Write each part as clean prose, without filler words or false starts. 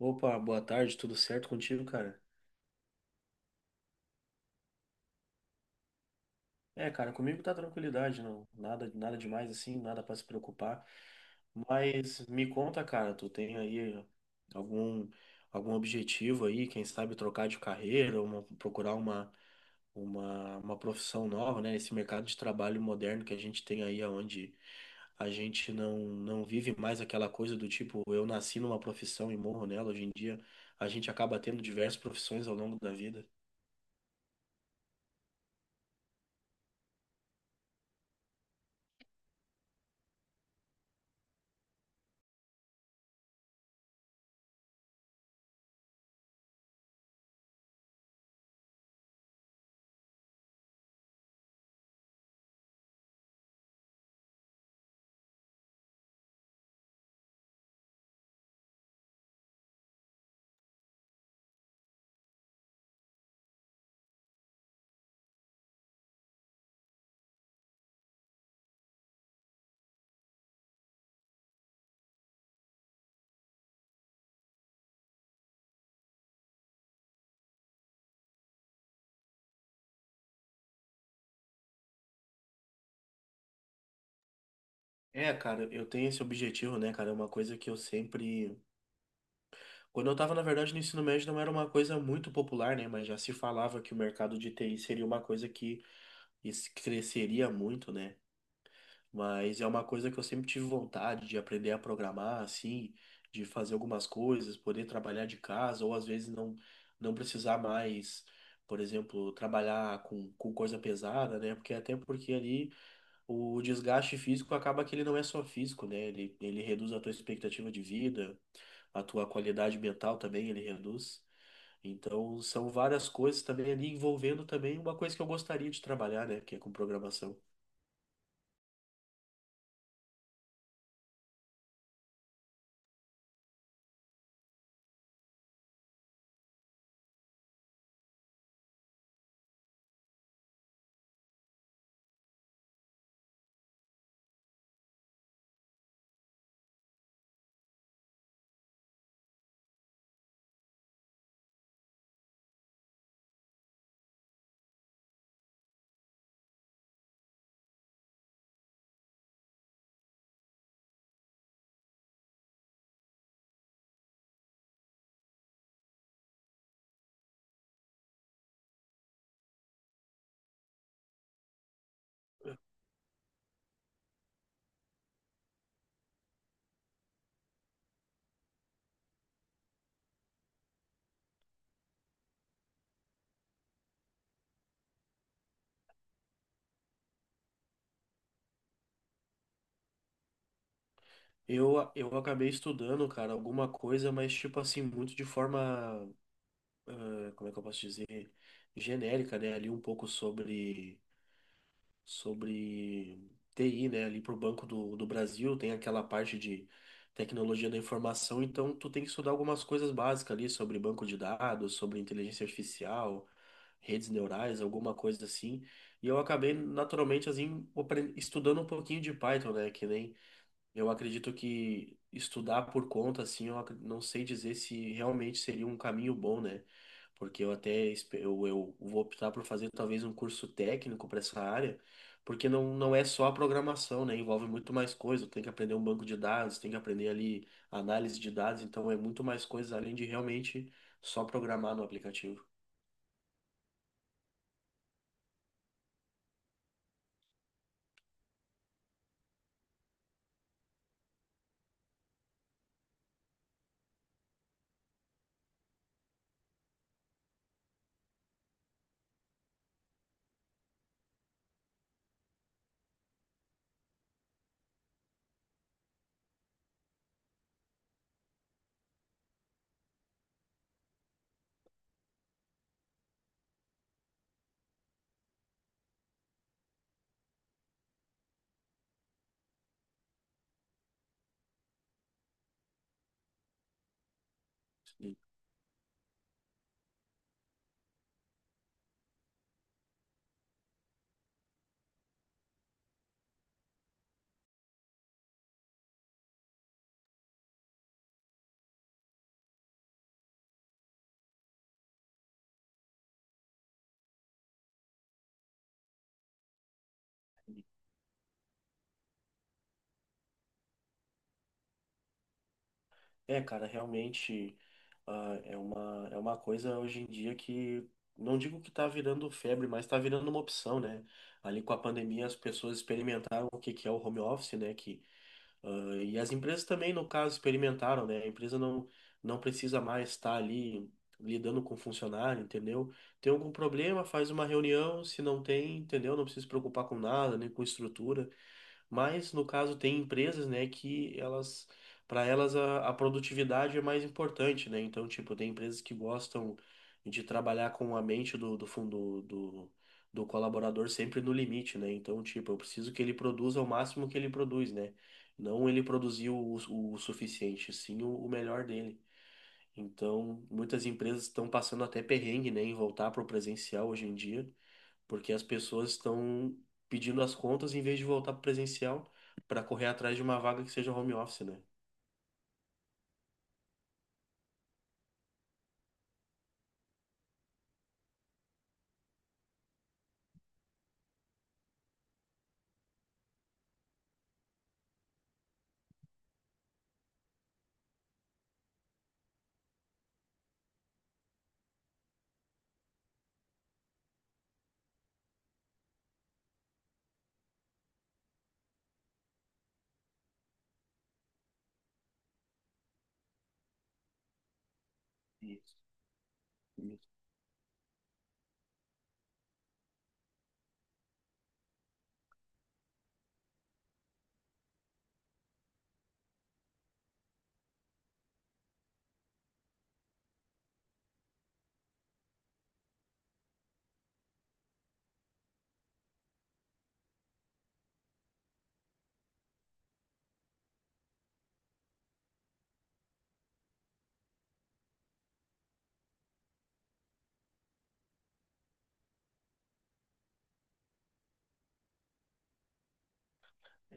Opa, boa tarde, tudo certo contigo, cara? É, cara, comigo tá tranquilidade, não, nada, nada demais assim, nada pra se preocupar. Mas me conta, cara, tu tem aí algum algum objetivo aí, quem sabe trocar de carreira, uma, procurar uma, uma profissão nova, né? Esse mercado de trabalho moderno que a gente tem aí, aonde a gente não vive mais aquela coisa do tipo, eu nasci numa profissão e morro nela. Hoje em dia, a gente acaba tendo diversas profissões ao longo da vida. É, cara, eu tenho esse objetivo, né, cara? É uma coisa que eu sempre. Quando eu tava, na verdade, no ensino médio não era uma coisa muito popular, né? Mas já se falava que o mercado de TI seria uma coisa que cresceria muito, né? Mas é uma coisa que eu sempre tive vontade de aprender a programar, assim, de fazer algumas coisas, poder trabalhar de casa, ou às vezes não, não precisar mais, por exemplo, trabalhar com coisa pesada, né? Porque até porque ali. O desgaste físico acaba que ele não é só físico, né? Ele reduz a tua expectativa de vida, a tua qualidade mental também ele reduz. Então, são várias coisas também ali envolvendo também uma coisa que eu gostaria de trabalhar, né? Que é com programação. Eu acabei estudando, cara, alguma coisa, mas tipo assim, muito de forma, como é que eu posso dizer? Genérica, né? Ali um pouco sobre TI, né? Ali para o Banco do Brasil tem aquela parte de tecnologia da informação, então tu tem que estudar algumas coisas básicas ali sobre banco de dados, sobre inteligência artificial, redes neurais, alguma coisa assim. E eu acabei naturalmente assim estudando um pouquinho de Python, né? Que nem eu acredito que estudar por conta, assim, não sei dizer se realmente seria um caminho bom, né? Porque eu vou optar por fazer talvez um curso técnico para essa área, porque não, não é só a programação, né? Envolve muito mais coisa. Tem que aprender um banco de dados, tem que aprender ali análise de dados, então é muito mais coisas além de realmente só programar no aplicativo. É, cara, realmente é uma coisa hoje em dia que não digo que tá virando febre, mas tá virando uma opção, né? Ali com a pandemia as pessoas experimentaram o que que é o home office, né? Que, e as empresas também, no caso, experimentaram, né? A empresa não, não precisa mais estar ali lidando com funcionário, entendeu? Tem algum problema, faz uma reunião, se não tem, entendeu? Não precisa se preocupar com nada, nem com estrutura. Mas, no caso, tem empresas, né, que elas, para elas a produtividade é mais importante, né? Então, tipo, tem empresas que gostam de trabalhar com a mente do fundo do, do colaborador sempre no limite, né? Então, tipo, eu preciso que ele produza o máximo que ele produz, né? Não ele produziu o suficiente, sim o melhor dele. Então, muitas empresas estão passando até perrengue, né, em voltar para o presencial hoje em dia porque as pessoas estão pedindo as contas em vez de voltar para presencial para correr atrás de uma vaga que seja home office, né? Isso.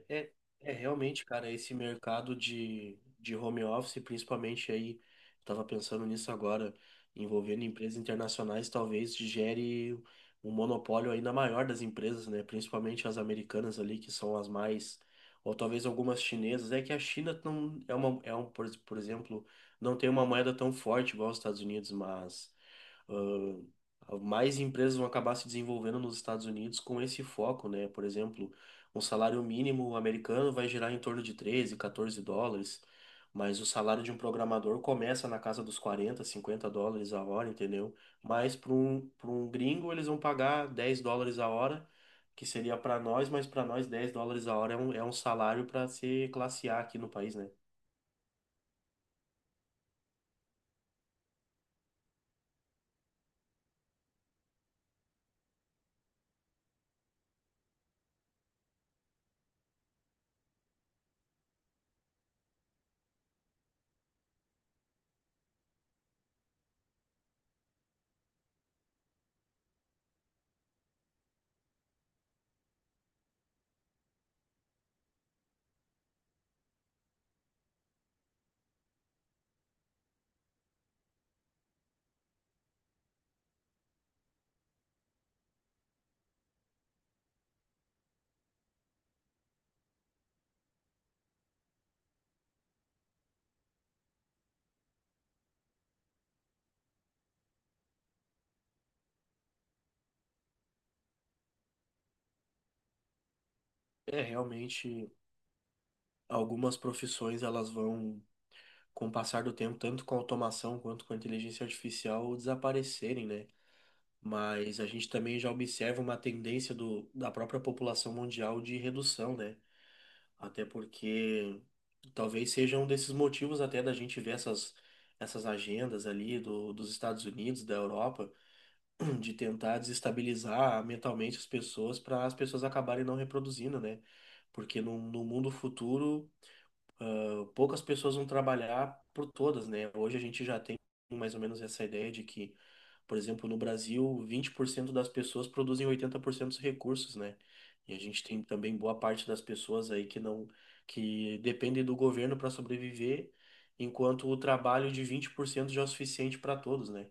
É, é realmente, cara, esse mercado de home office, principalmente aí, estava pensando nisso agora, envolvendo empresas internacionais, talvez gere um monopólio ainda maior das empresas, né? Principalmente as americanas ali, que são as mais, ou talvez algumas chinesas. É que a China não é uma, é um, por exemplo, não tem uma moeda tão forte igual os Estados Unidos, mas mais empresas vão acabar se desenvolvendo nos Estados Unidos com esse foco, né? Por exemplo, um salário mínimo americano vai girar em torno de 13, 14 dólares, mas o salário de um programador começa na casa dos 40, 50 dólares a hora, entendeu? Mas para um gringo eles vão pagar 10 dólares a hora, que seria para nós, mas para nós 10 dólares a hora é um salário para ser classe A aqui no país, né? É, realmente, algumas profissões elas vão com o passar do tempo, tanto com a automação quanto com a inteligência artificial, desaparecerem, né? Mas a gente também já observa uma tendência do, da própria população mundial de redução, né? Até porque talvez seja um desses motivos até da gente ver essas, essas agendas ali do, dos Estados Unidos, da Europa, de tentar desestabilizar mentalmente as pessoas para as pessoas acabarem não reproduzindo, né? Porque no mundo futuro poucas pessoas vão trabalhar por todas, né? Hoje a gente já tem mais ou menos essa ideia de que, por exemplo, no Brasil, 20% das pessoas produzem 80% dos recursos, né? E a gente tem também boa parte das pessoas aí que não, que dependem do governo para sobreviver, enquanto o trabalho de 20% já é o suficiente para todos, né?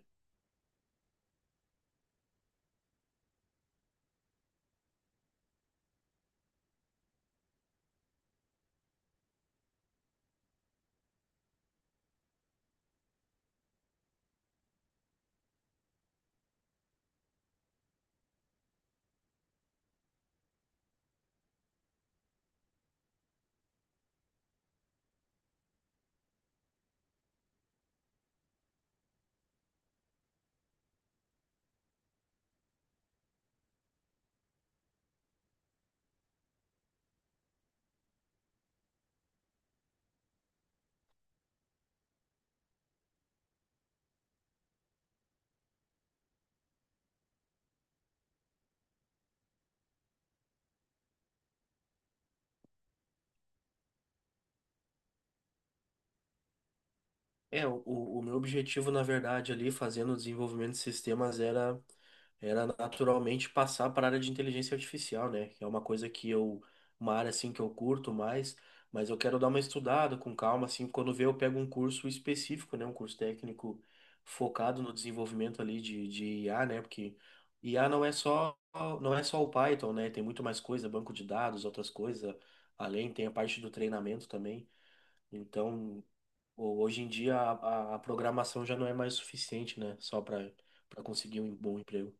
É, o meu objetivo, na verdade, ali fazendo o desenvolvimento de sistemas era naturalmente passar para a área de inteligência artificial, né? Que é uma coisa que eu, uma área assim que eu curto mais, mas eu quero dar uma estudada com calma, assim, quando ver eu pego um curso específico, né? Um curso técnico focado no desenvolvimento ali de IA, né? Porque IA não é só, não é só o Python, né? Tem muito mais coisa, banco de dados, outras coisas, além tem a parte do treinamento também. Então, hoje em dia a, a programação já não é mais suficiente, né? Só para conseguir um bom emprego.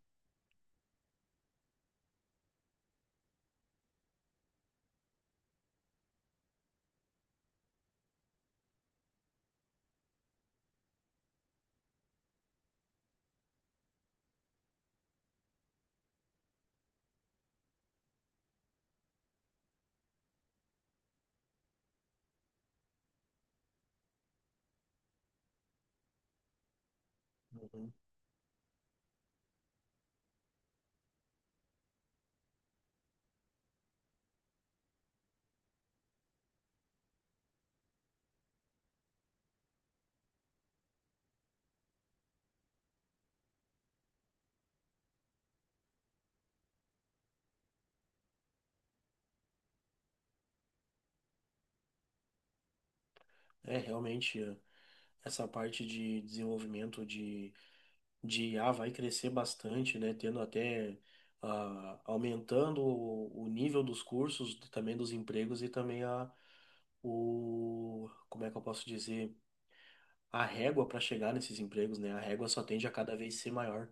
É, realmente, essa parte de desenvolvimento de I a vai crescer bastante, né? Tendo até, aumentando o nível dos cursos, também dos empregos e também a, o, como é que eu posso dizer? A régua para chegar nesses empregos, né? A régua só tende a cada vez ser maior,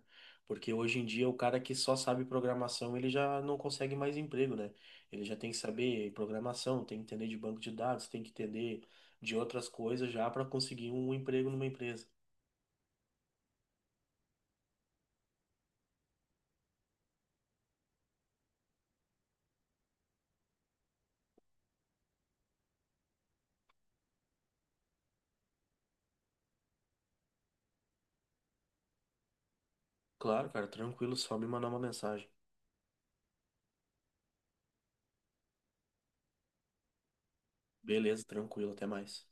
porque hoje em dia o cara que só sabe programação, ele já não consegue mais emprego, né? Ele já tem que saber programação, tem que entender de banco de dados, tem que entender de outras coisas já para conseguir um emprego numa empresa. Claro, cara, tranquilo, só me mandar uma mensagem. Beleza, tranquilo, até mais.